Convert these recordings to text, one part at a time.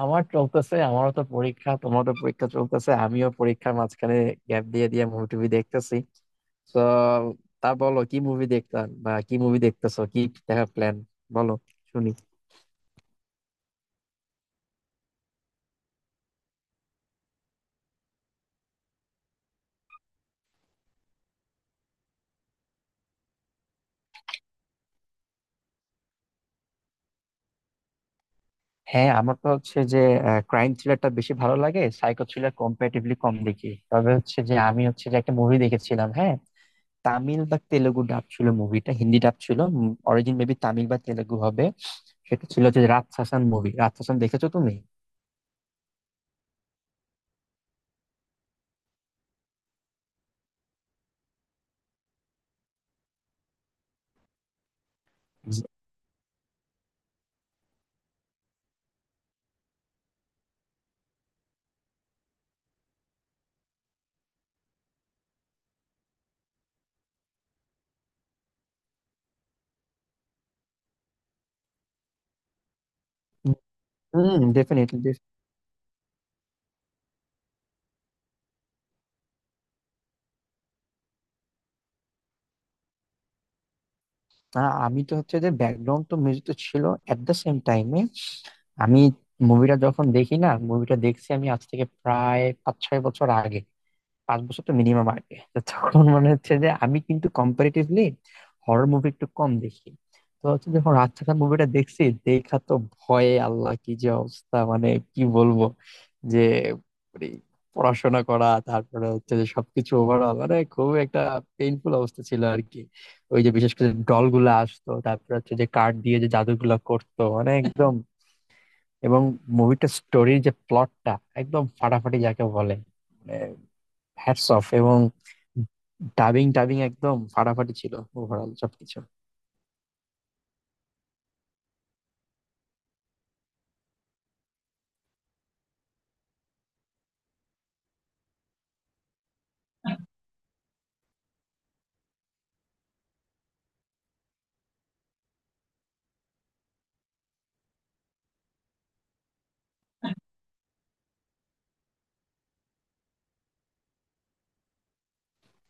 আমার চলতেছে, আমারও তো পরীক্ষা, তোমারও তো পরীক্ষা চলতেছে। আমিও পরীক্ষার মাঝখানে গ্যাপ দিয়ে দিয়ে মুভি টুভি দেখতেছি তো। তা বলো, কি মুভি দেখতাম বা কি মুভি দেখতেছো, কি দেখার প্ল্যান, বলো, শুনি। হ্যাঁ, আমার তো হচ্ছে যে ক্রাইম থ্রিলারটা বেশি ভালো লাগে, সাইকো থ্রিলার কম্পারেটিভলি কম দেখি। তবে হচ্ছে যে আমি হচ্ছে যে একটা মুভি দেখেছিলাম, হ্যাঁ, তামিল বা তেলেগু ডাব ছিল মুভিটা, হিন্দি ডাব ছিল, অরিজিন মেবি তামিল বা তেলেগু হবে। সেটা ছিল হচ্ছে রাতসাসান মুভি। রাতসাসান দেখেছো তুমি? জি। হুম, ডেফিনেটলি। না, আমি তো হচ্ছে যে ব্যাকগ্রাউন্ড তো মিউজিক তো ছিল, এট দ্য সেম টাইমে আমি মুভিটা যখন দেখি না, মুভিটা দেখছি আমি আজ থেকে প্রায় 5-6 বছর আগে। 5 বছর তো মিনিমাম আগে তো, তখন মনে হচ্ছে যে আমি কিন্তু কম্পারেটিভলি হরর মুভি একটু কম দেখি। তো হচ্ছে যখন রাতসানা মুভিটা দেখছি দেখা তো, ভয়ে আল্লাহ, কি যে অবস্থা, মানে কি বলবো, যে মানে পড়াশোনা করা, তারপরে হচ্ছে যে সবকিছু ওভারঅল, মানে খুব একটা পেইনফুল অবস্থা ছিল আর কি। ওই যে বিশেষ করে ডল গুলা আসতো, তারপরে হচ্ছে যে কার্ড দিয়ে যে জাদুগুলা করতো, মানে একদম। এবং মুভিটা স্টোরির যে প্লটটা, একদম ফাটাফাটি যাকে বলে, মানে হ্যাটস অফ। এবং ডাবিং টাবিং একদম ফাটাফাটি ছিল, ওভারঅল সবকিছু।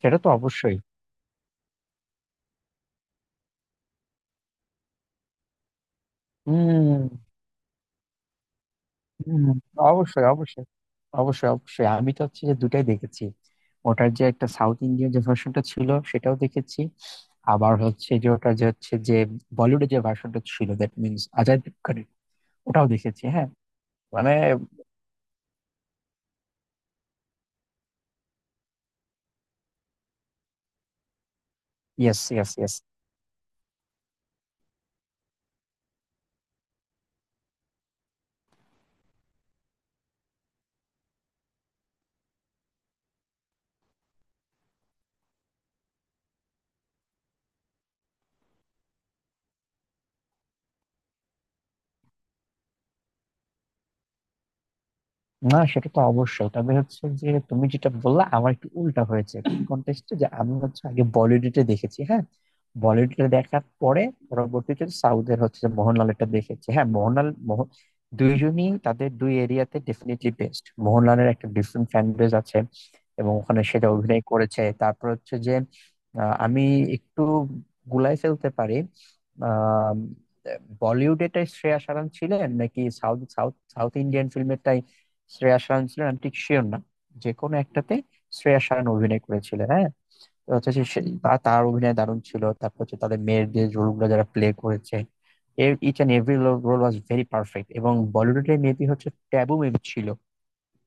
সেটা তো অবশ্যই। হম হম। অবশ্যই অবশ্যই, অবশ্যই অবশ্যই, আমি তো হচ্ছে যে দুটাই দেখেছি। ওটার যে একটা সাউথ ইন্ডিয়ান যে ভার্সনটা ছিল সেটাও দেখেছি। আবার হচ্ছে যে ওটা যে হচ্ছে যে বলিউডের যে ভার্সনটা ছিল, দ্যাট মিনস অজয় দেবগনের, ওটাও দেখেছি, হ্যাঁ। মানে ইয়েস ইয়েস ইয়েস। না, সেটা তো অবশ্যই, তবে হচ্ছে যে তুমি যেটা বললা, আমার একটু উল্টা হয়েছে কন্টেস্টে। যে আমি হচ্ছে আগে বলিউডে দেখেছি, হ্যাঁ, বলিউডে দেখার পরে পরবর্তীতে সাউথের হচ্ছে মোহনলালটা দেখেছি, হ্যাঁ। মোহনলাল, মোহন, দুইজনই তাদের দুই এরিয়াতে ডেফিনেটলি বেস্ট। মোহনলালের একটা ডিফারেন্ট ফ্যান বেজ আছে এবং ওখানে সেটা অভিনয় করেছে। তারপর হচ্ছে যে আমি একটু গুলাই ফেলতে পারি। আহ বলিউডেটাই শ্রেয়া সারান ছিলেন, নাকি সাউথ, সাউথ, সাউথ ইন্ডিয়ান ফিল্মেরটাই শ্রেয়া শায়ন ছিলেন, আমি ঠিক শিওর না। যে কোনো একটাতে শ্রেয়া শায়ন অভিনয় করেছিলেন, হ্যাঁ। তো হচ্ছে যে তার অভিনয় দারুণ ছিল। তারপর হচ্ছে তাদের মেয়ের যে রোলগুলো যারা প্লে করেছে, each and every role was very perfect. এবং বলিউডের মেয়েটি হচ্ছে ট্যাবু মেবি ছিল,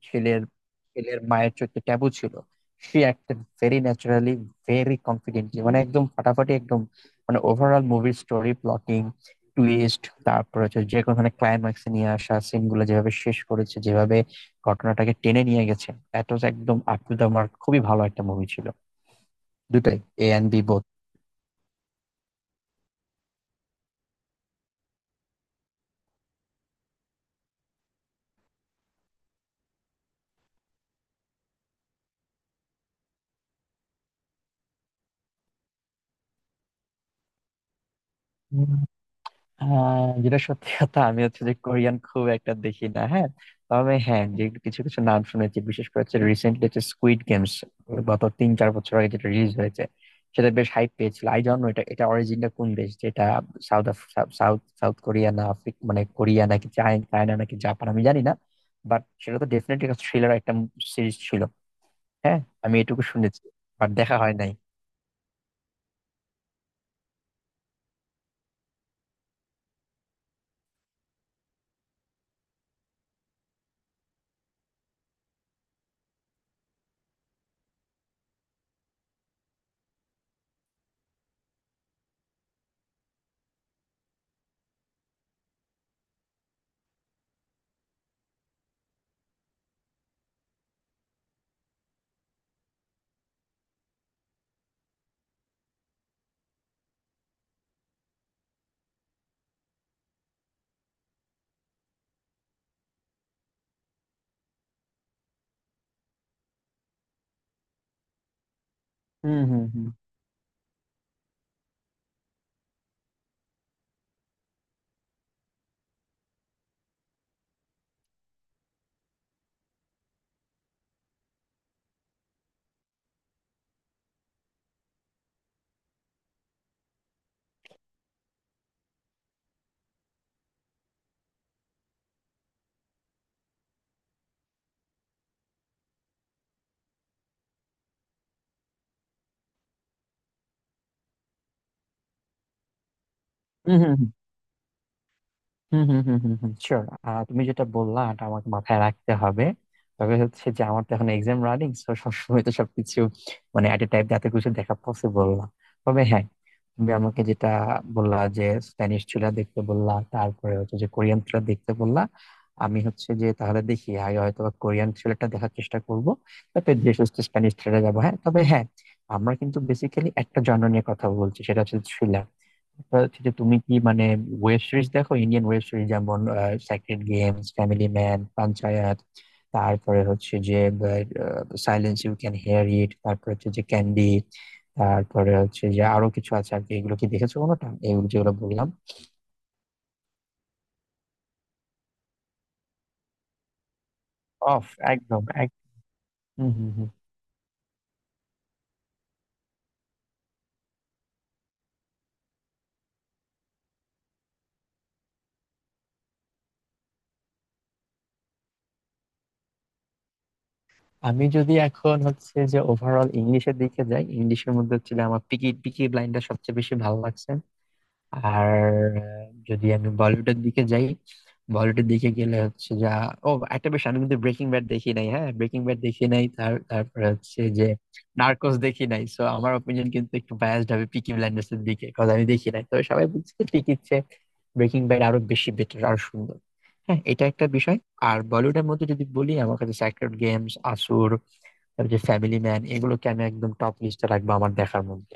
ছেলের ছেলের মায়ের চোখে ট্যাবু ছিল। সে একটা ভেরি ন্যাচারালি, ভেরি কনফিডেন্টলি, মানে একদম ফাটাফাটি একদম, মানে ওভারঅল মুভির স্টোরি প্লটিং, টুইস্ট, তারপর হচ্ছে যে কোনো ধরনের ক্লাইম্যাক্স নিয়ে আসা সিন গুলো যেভাবে শেষ করেছে, যেভাবে ঘটনাটাকে টেনে নিয়ে গেছে, দ্যাট ওয়াজ একদম আপ টু দা মার্ক। খুবই ভালো একটা মুভি ছিল দুটাই, এ এন্ড বি বোথ। হ্যাঁ, যেটা সত্যি কথা, আমি হচ্ছে যে কোরিয়ান খুব একটা দেখি না, হ্যাঁ। তবে হ্যাঁ যে কিছু কিছু নাম শুনেছি, বিশেষ করে হচ্ছে রিসেন্টলি হচ্ছে স্কুইড গেমস, গত 3-4 বছর আগে যেটা রিলিজ হয়েছে, সেটা বেশ হাইপ পেয়েছিল। আই জানো এটা এটা অরিজিনটা কোন দেশ, যেটা সাউথ, সাউথ, সাউথ কোরিয়া না আফ্রিকা, মানে কোরিয়া নাকি চায়না নাকি জাপান, আমি জানি না। বাট সেটা তো ডেফিনেটলি একটা থ্রিলার একটা সিরিজ ছিল, হ্যাঁ, আমি এটুকু শুনেছি। বাট দেখা হয় নাই। হুম হুম হুম হুম হুম হুম হুম হুম শিওর। তুমি যেটা বললা এটা আমাকে মাথায় রাখতে হবে। তবে হচ্ছে যে আমার তো এখন এক্সাম রানিং, তো সবসময় তো সবকিছু, মানে এট এ টাইম এত কিছু দেখা পসিবল না। তবে হ্যাঁ, তুমি আমাকে যেটা বললা, যে স্প্যানিশ থ্রিলার দেখতে বললা, তারপরে হচ্ছে যে কোরিয়ান থ্রিলার দেখতে বললা, আমি হচ্ছে যে তাহলে দেখি, আগে হয়তো বা কোরিয়ান থ্রিলারটা দেখার চেষ্টা করবো, তারপরে ধীরে সুস্থে স্প্যানিশ থ্রিলারে যাবো, হ্যাঁ। তবে হ্যাঁ, আমরা কিন্তু বেসিক্যালি একটা জনর নিয়ে কথা বলছি, সেটা হচ্ছে থ্রিলার। তা হচ্ছে যে তুমি কি মানে ওয়েব সিরিজ দেখো? ইন্ডিয়ান ওয়েব সিরিজ, যেমন Sacred Games, Family Man, Panchayat, তারপরে হচ্ছে যে silence, you can hear it, তারপরে হচ্ছে যে ক্যান্ডি, তারপরে হচ্ছে যে আরো কিছু আছে আর কি, এগুলো কি দেখেছো কোনোটা, এগুলো যেগুলো বললাম? অফ, একদম এক। হুম হুম হুম। আমি যদি এখন হচ্ছে যে ওভারঅল ইংলিশের দিকে যাই, ইংলিশের মধ্যে হচ্ছে যে আমার পিকি পিকি ব্লাইন্ডার সবচেয়ে বেশি ভালো লাগছে। আর যদি আমি বলিউডের দিকে যাই, বলিউডের দিকে গেলে হচ্ছে যা, ও একটা বেশ, আমি কিন্তু ব্রেকিং ব্যাড দেখি নাই, হ্যাঁ ব্রেকিং ব্যাড দেখি নাই, তারপরে হচ্ছে যে নার্কোস দেখি নাই। সো আমার অপিনিয়ন কিন্তু একটু বায়াসড হবে পিকি ব্লাইন্ডার্স এর দিকে, কারণ আমি দেখি নাই, তবে সবাই বলছে যে ঠিক ইচ্ছে ব্রেকিং ব্যাড আরো বেশি বেটার আর সুন্দর, হ্যাঁ এটা একটা বিষয়। আর বলিউডের মধ্যে যদি বলি, আমার কাছে স্যাক্রেড গেমস, আসুর, তারপর যে ফ্যামিলি ম্যান, এগুলোকে আমি একদম টপ লিস্টে রাখবো আমার দেখার মধ্যে।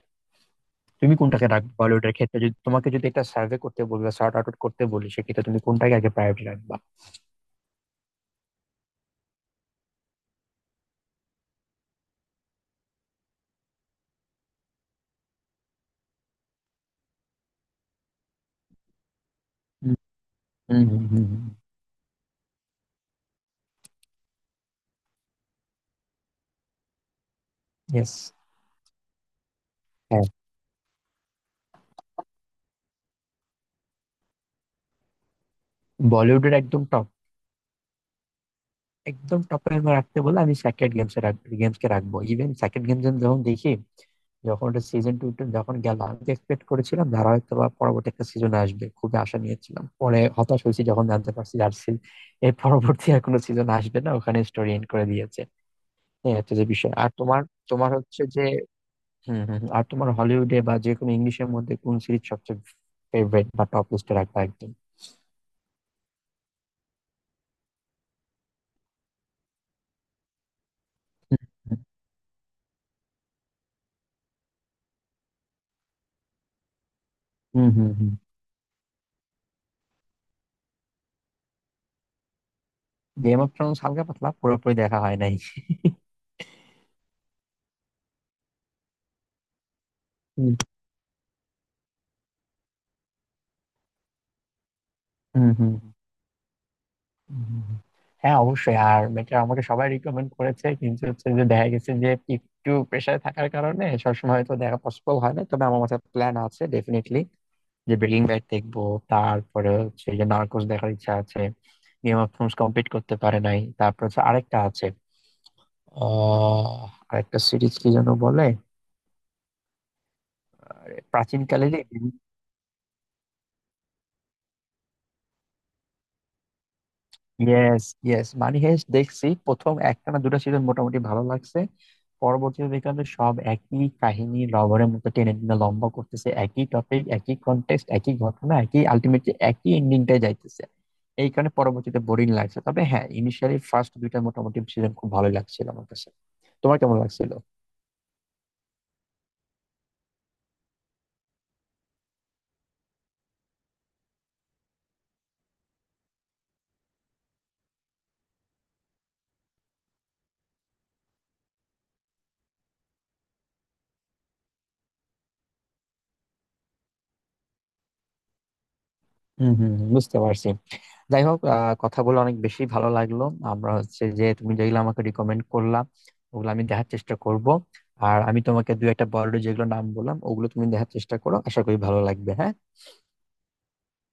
তুমি কোনটাকে রাখবে বলিউডের ক্ষেত্রে? যদি তোমাকে যদি একটা সার্ভে করতে বলি বা সর্ট আউট করতে বলি, সেক্ষেত্রে তুমি কোনটাকে আগে প্রায়োরিটি রাখবা? হুম হুম হুম। ইয়েস। হ্যাঁ। বলিউডের একদম টপ, একদম টপে রাখতে বলে আমি স্যাক্রেড গেমস এ রাখবো, গেমস কে রাখবো। ইভেন স্যাক্রেড গেমস যখন দেখি, যখন ওটা সিজন 2 যখন গেল, আমি এক্সপেক্ট করেছিলাম ধারা হয়তো বা পরবর্তী একটা সিজন আসবে, খুবই আশা নিয়েছিলাম, পরে হতাশ হয়েছি যখন জানতে পারছি আর এর পরবর্তী আর কোনো সিজন আসবে না, ওখানে স্টোরি এন্ড করে দিয়েছে। এই হচ্ছে যে বিষয়। আর তোমার, তোমার হচ্ছে যে, হম হম, আর তোমার হলিউডে বা যে কোনো ইংলিশের মধ্যে কোন সিরিজ সবচেয়ে ফেভারিট বা টপ লিস্টে রাখবা একদম? হম হম হম। গেম অফ থ্রোনস হালকা পাতলা, পুরোপুরি দেখা হয় নাই। হুম, হুম, হুম, হুম, হুম, হুম। হ্যাঁ অবশ্যই, আর এটা আমাকে সবাই রিকমেন্ড করেছে, কিন্তু হচ্ছে যে দেখা গেছে যে একটু প্রেশারে থাকার কারণে সবসময় হয়তো দেখা পসিবল হয় না। তবে আমার মাথায় প্ল্যান আছে ডেফিনেটলি যে ব্রেকিং ব্যাড দেখবো, তারপরে হচ্ছে যে নার্কোস দেখার ইচ্ছা আছে, গেম অফ থ্রোনস কমপ্লিট করতে পারে নাই। তারপর হচ্ছে আরেকটা আছে, আহ আরেকটা সিরিজ কি যেন বলে, আরে, প্রাচীনকালেরই। ইয়েস ইয়েস, মানি হেস্ট দেখছি, প্রথম একটা না দুটা সিজন মোটামুটি ভালো লাগছে, পরবর্তী বিকালে সব একই কাহিনী রবারের মতো টেনে টেনে লম্বা করতেছে, একই টপিক, একই কনটেক্সট, একই ঘটনা, একই আলটিমেটলি একই এন্ডিংটাই যাইতেছে। এই কারণে পরবর্তীতে বোরিং লাগছে। তবে হ্যাঁ, ইনিশিয়ালি ফার্স্ট দুইটা মোটামুটি সিজন খুব ভালো লাগছিল আমার কাছে। তোমার কেমন লাগছিল? হম হম, বুঝতে পারছি। যাই হোক, কথা বলে অনেক বেশি ভালো লাগলো। আমরা হচ্ছে যে তুমি যেগুলো আমাকে রিকমেন্ড করলাম ওগুলো আমি দেখার চেষ্টা করব, আর আমি তোমাকে দু একটা বড় যেগুলো নাম বললাম ওগুলো তুমি দেখার চেষ্টা করো, আশা করি ভালো লাগবে, হ্যাঁ।